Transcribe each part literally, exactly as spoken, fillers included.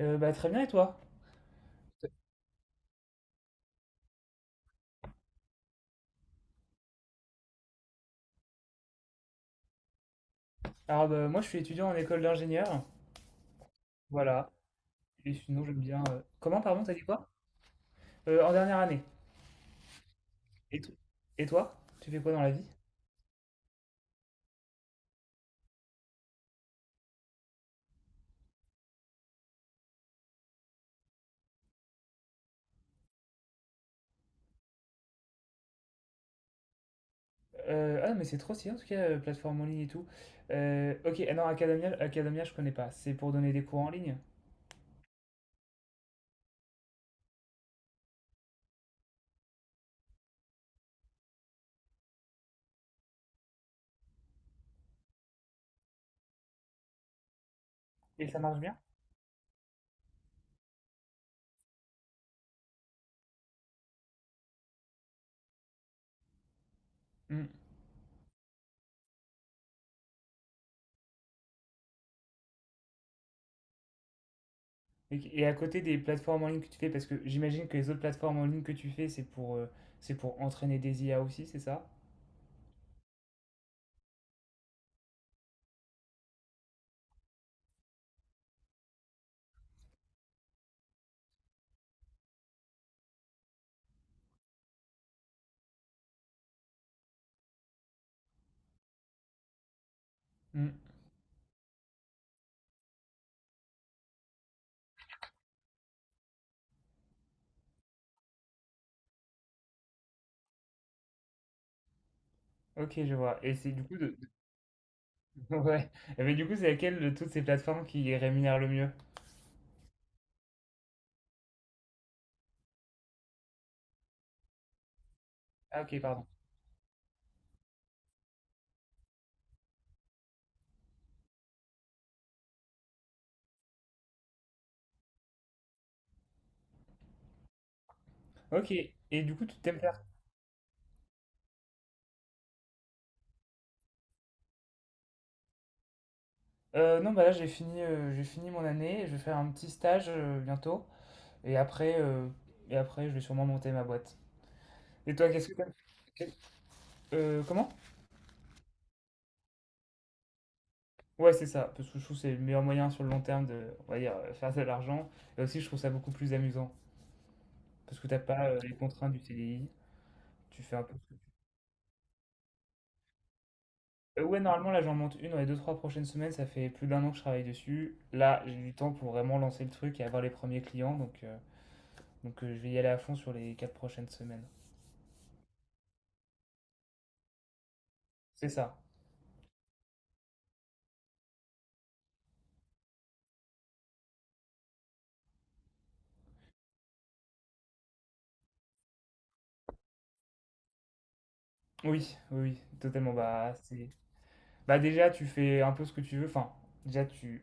Euh, bah, très bien, et toi? Alors, bah, moi, je suis étudiant en école d'ingénieur. Voilà. Et sinon, j'aime bien. euh, Comment, pardon, t'as dit quoi? Euh, en dernière année. Et, to- et toi? Tu fais quoi dans la vie? Euh, Ah, mais c'est trop stylé, en tout cas, euh, plateforme en ligne et tout. Euh, ok, ah non, Academia, Academia, je connais pas. C'est pour donner des cours en ligne. Et ça marche bien? Hmm. Et, et à côté des plateformes en ligne que tu fais, parce que j'imagine que les autres plateformes en ligne que tu fais, c'est pour, euh, c'est pour entraîner des I A aussi, c'est ça? Hmm. Ok, je vois. Et c'est du coup de. Ouais. Et mais du coup, c'est laquelle de toutes ces plateformes qui rémunère le mieux? Ah ok, pardon. Ok. Et du coup, tu t'aimes faire… Euh, non, bah là, j'ai fini, euh, j'ai fini mon année. Je vais faire un petit stage euh, bientôt. Et après, euh, et après, je vais sûrement monter ma boîte. Et toi, qu'est-ce que t'aimes? Quel- Euh, comment? Ouais, c'est ça. Parce que je trouve que c'est le meilleur moyen sur le long terme de, on va dire, euh, faire de l'argent. Et aussi, je trouve ça beaucoup plus amusant. Parce que t'as pas euh, les contraintes du C D I. Tu fais un peu… Euh, Ouais, normalement, là, j'en monte une dans les deux, trois prochaines semaines. Ça fait plus d'un an que je travaille dessus. Là, j'ai du temps pour vraiment lancer le truc et avoir les premiers clients. Donc, euh, donc euh, je vais y aller à fond sur les quatre prochaines semaines. C'est ça. Oui, oui, oui, totalement. Bah, c'est Bah déjà, tu fais un peu ce que tu veux. Enfin, déjà, tu...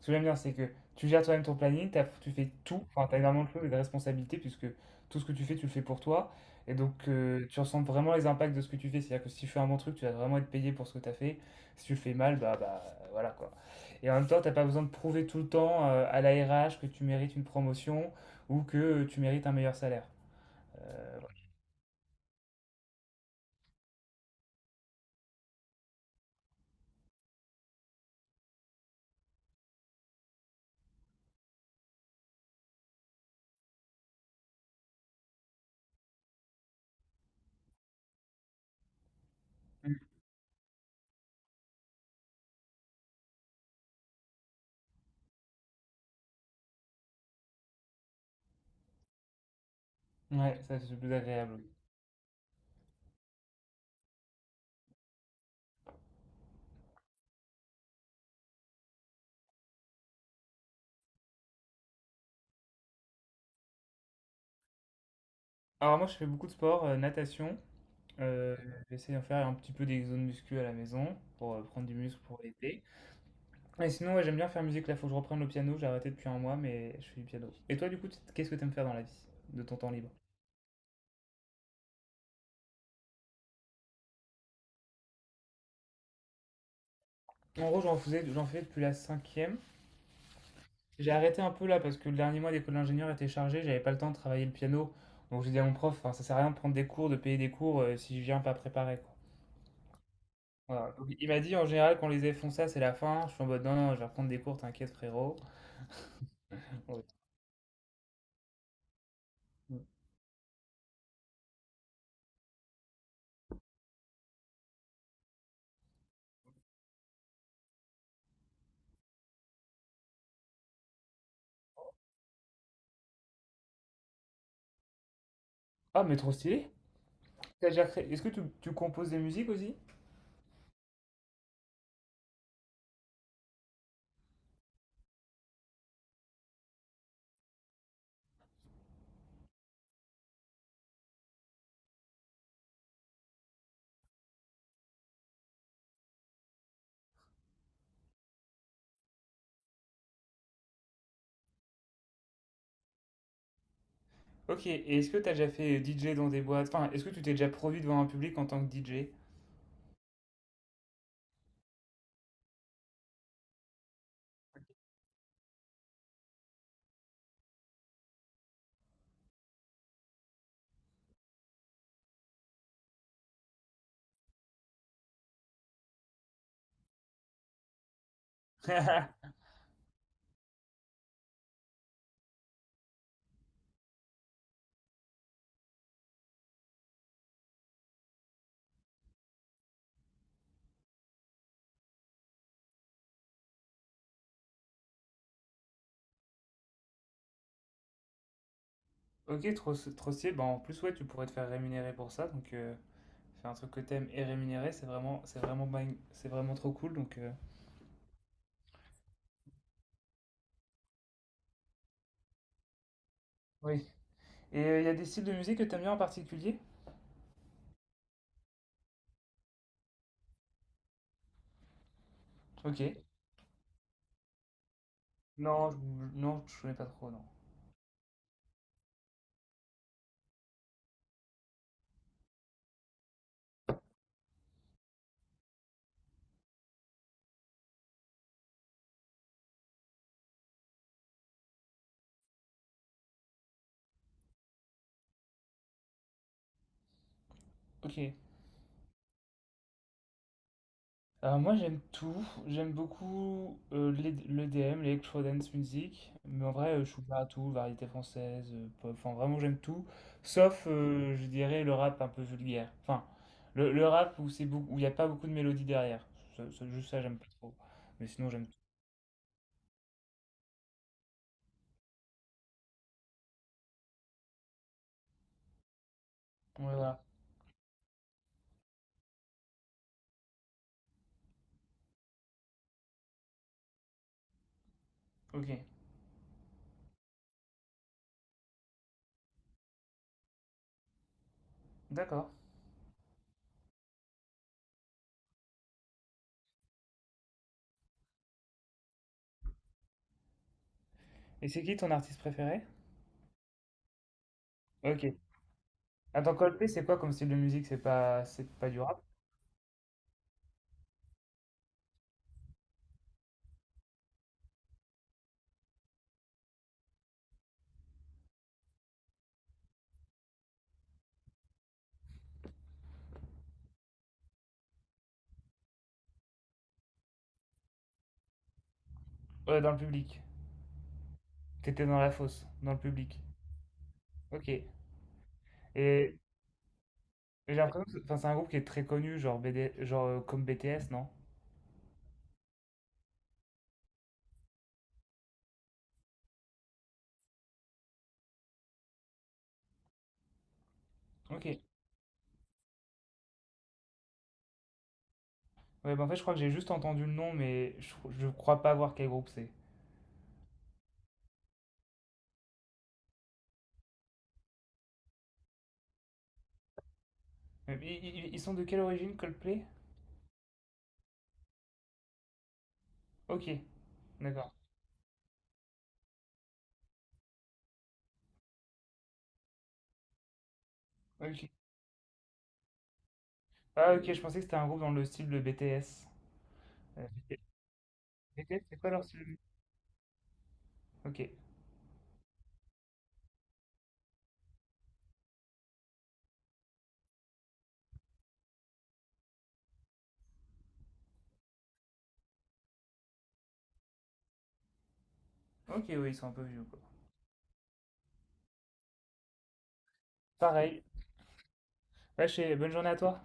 Ce que j'aime bien, c'est que tu gères toi-même ton planning, t'as- tu fais tout. Enfin, tu as énormément de choses et de responsabilités, puisque tout ce que tu fais, tu le fais pour toi. Et donc, euh, tu ressens vraiment les impacts de ce que tu fais. C'est-à-dire que si tu fais un bon truc, tu vas vraiment être payé pour ce que tu as fait. Si tu le fais mal, bah, bah voilà quoi. Et en même temps, t'as pas besoin de prouver tout le temps euh, à la R H que tu mérites une promotion ou que euh, tu mérites un meilleur salaire. Mm. Ouais, ça c'est plus agréable. Oui. Alors moi je fais beaucoup de sport, euh, natation. Euh, J'essaie d'en faire un petit peu des zones muscu à la maison pour euh, prendre du muscle pour l'été. Et sinon, ouais, j'aime bien faire musique. Là, faut que je reprenne le piano. J'ai arrêté depuis un mois, mais je fais du piano. Et toi, du coup, t- qu'est-ce que t'aimes faire dans la vie de ton temps libre? En gros, j'en faisais, j'en fais depuis la cinquième. J'ai arrêté un peu là parce que le dernier mois d'école d'ingénieur était chargé. J'avais pas le temps de travailler le piano. Donc j'ai dit à mon prof, enfin, ça sert à rien de prendre des cours, de payer des cours euh, si je viens pas préparé, quoi. Voilà. Donc, il m'a dit en général quand les élèves font ça, c'est la fin. Je suis en mode non, non, je vais reprendre des cours, t'inquiète frérot. Ouais. Ah mais trop stylé. T'as déjà créé- Est-ce que tu, tu composes des musiques aussi? Ok, et est-ce que t'as déjà fait D J dans des boîtes? Enfin, est-ce que tu t'es déjà produit devant un public en tant que D J? Ok, trop, trop stylé. Bah, en plus, ouais, tu pourrais te faire rémunérer pour ça. Donc, euh, faire un truc que t'aimes et rémunérer, c'est vraiment, c'est vraiment, bang- c'est vraiment trop cool. Donc, euh, oui. Et il y a des styles de musique que t'aimes bien en particulier? Ok. Non, je, non, je connais pas trop, non. Ok. Alors moi j'aime tout, j'aime beaucoup euh, l'E D M, l'electro-dance music, mais en vrai euh, je suis ouvert à tout, variété française, euh, pop, enfin vraiment j'aime tout, sauf euh, je dirais le rap un peu vulgaire, enfin le, le rap où c'est beaucoup, où il n'y a pas beaucoup de mélodie derrière, Ça- ça- juste ça j'aime pas trop, mais sinon j'aime tout. Ouais, voilà, ok, d'accord. Et c'est qui ton artiste préféré? Ok. Attends, Coldplay c'est quoi comme style de musique? C'est pas, c'est pas du rap? Euh, dans le public, t'étais dans la fosse, dans le public, ok. Et j'ai l'impression que c'est enfin, c'est un groupe qui est très connu, genre, B D genre euh, comme B T S, non? Ok. Ouais, bah, en fait, je crois que j'ai juste entendu le nom, mais je, je crois pas voir quel groupe c'est. Mais i- i- Ils sont de quelle origine, Coldplay? Ok, d'accord. Ok. Ah, ok, je pensais que c'était un groupe dans le style de B T S. Euh, B T S, c'est quoi leur style? De musique. Ok. Ok, oui, ils sont un peu vieux, quoi. Pareil. Ouais, je sais- bonne journée à toi.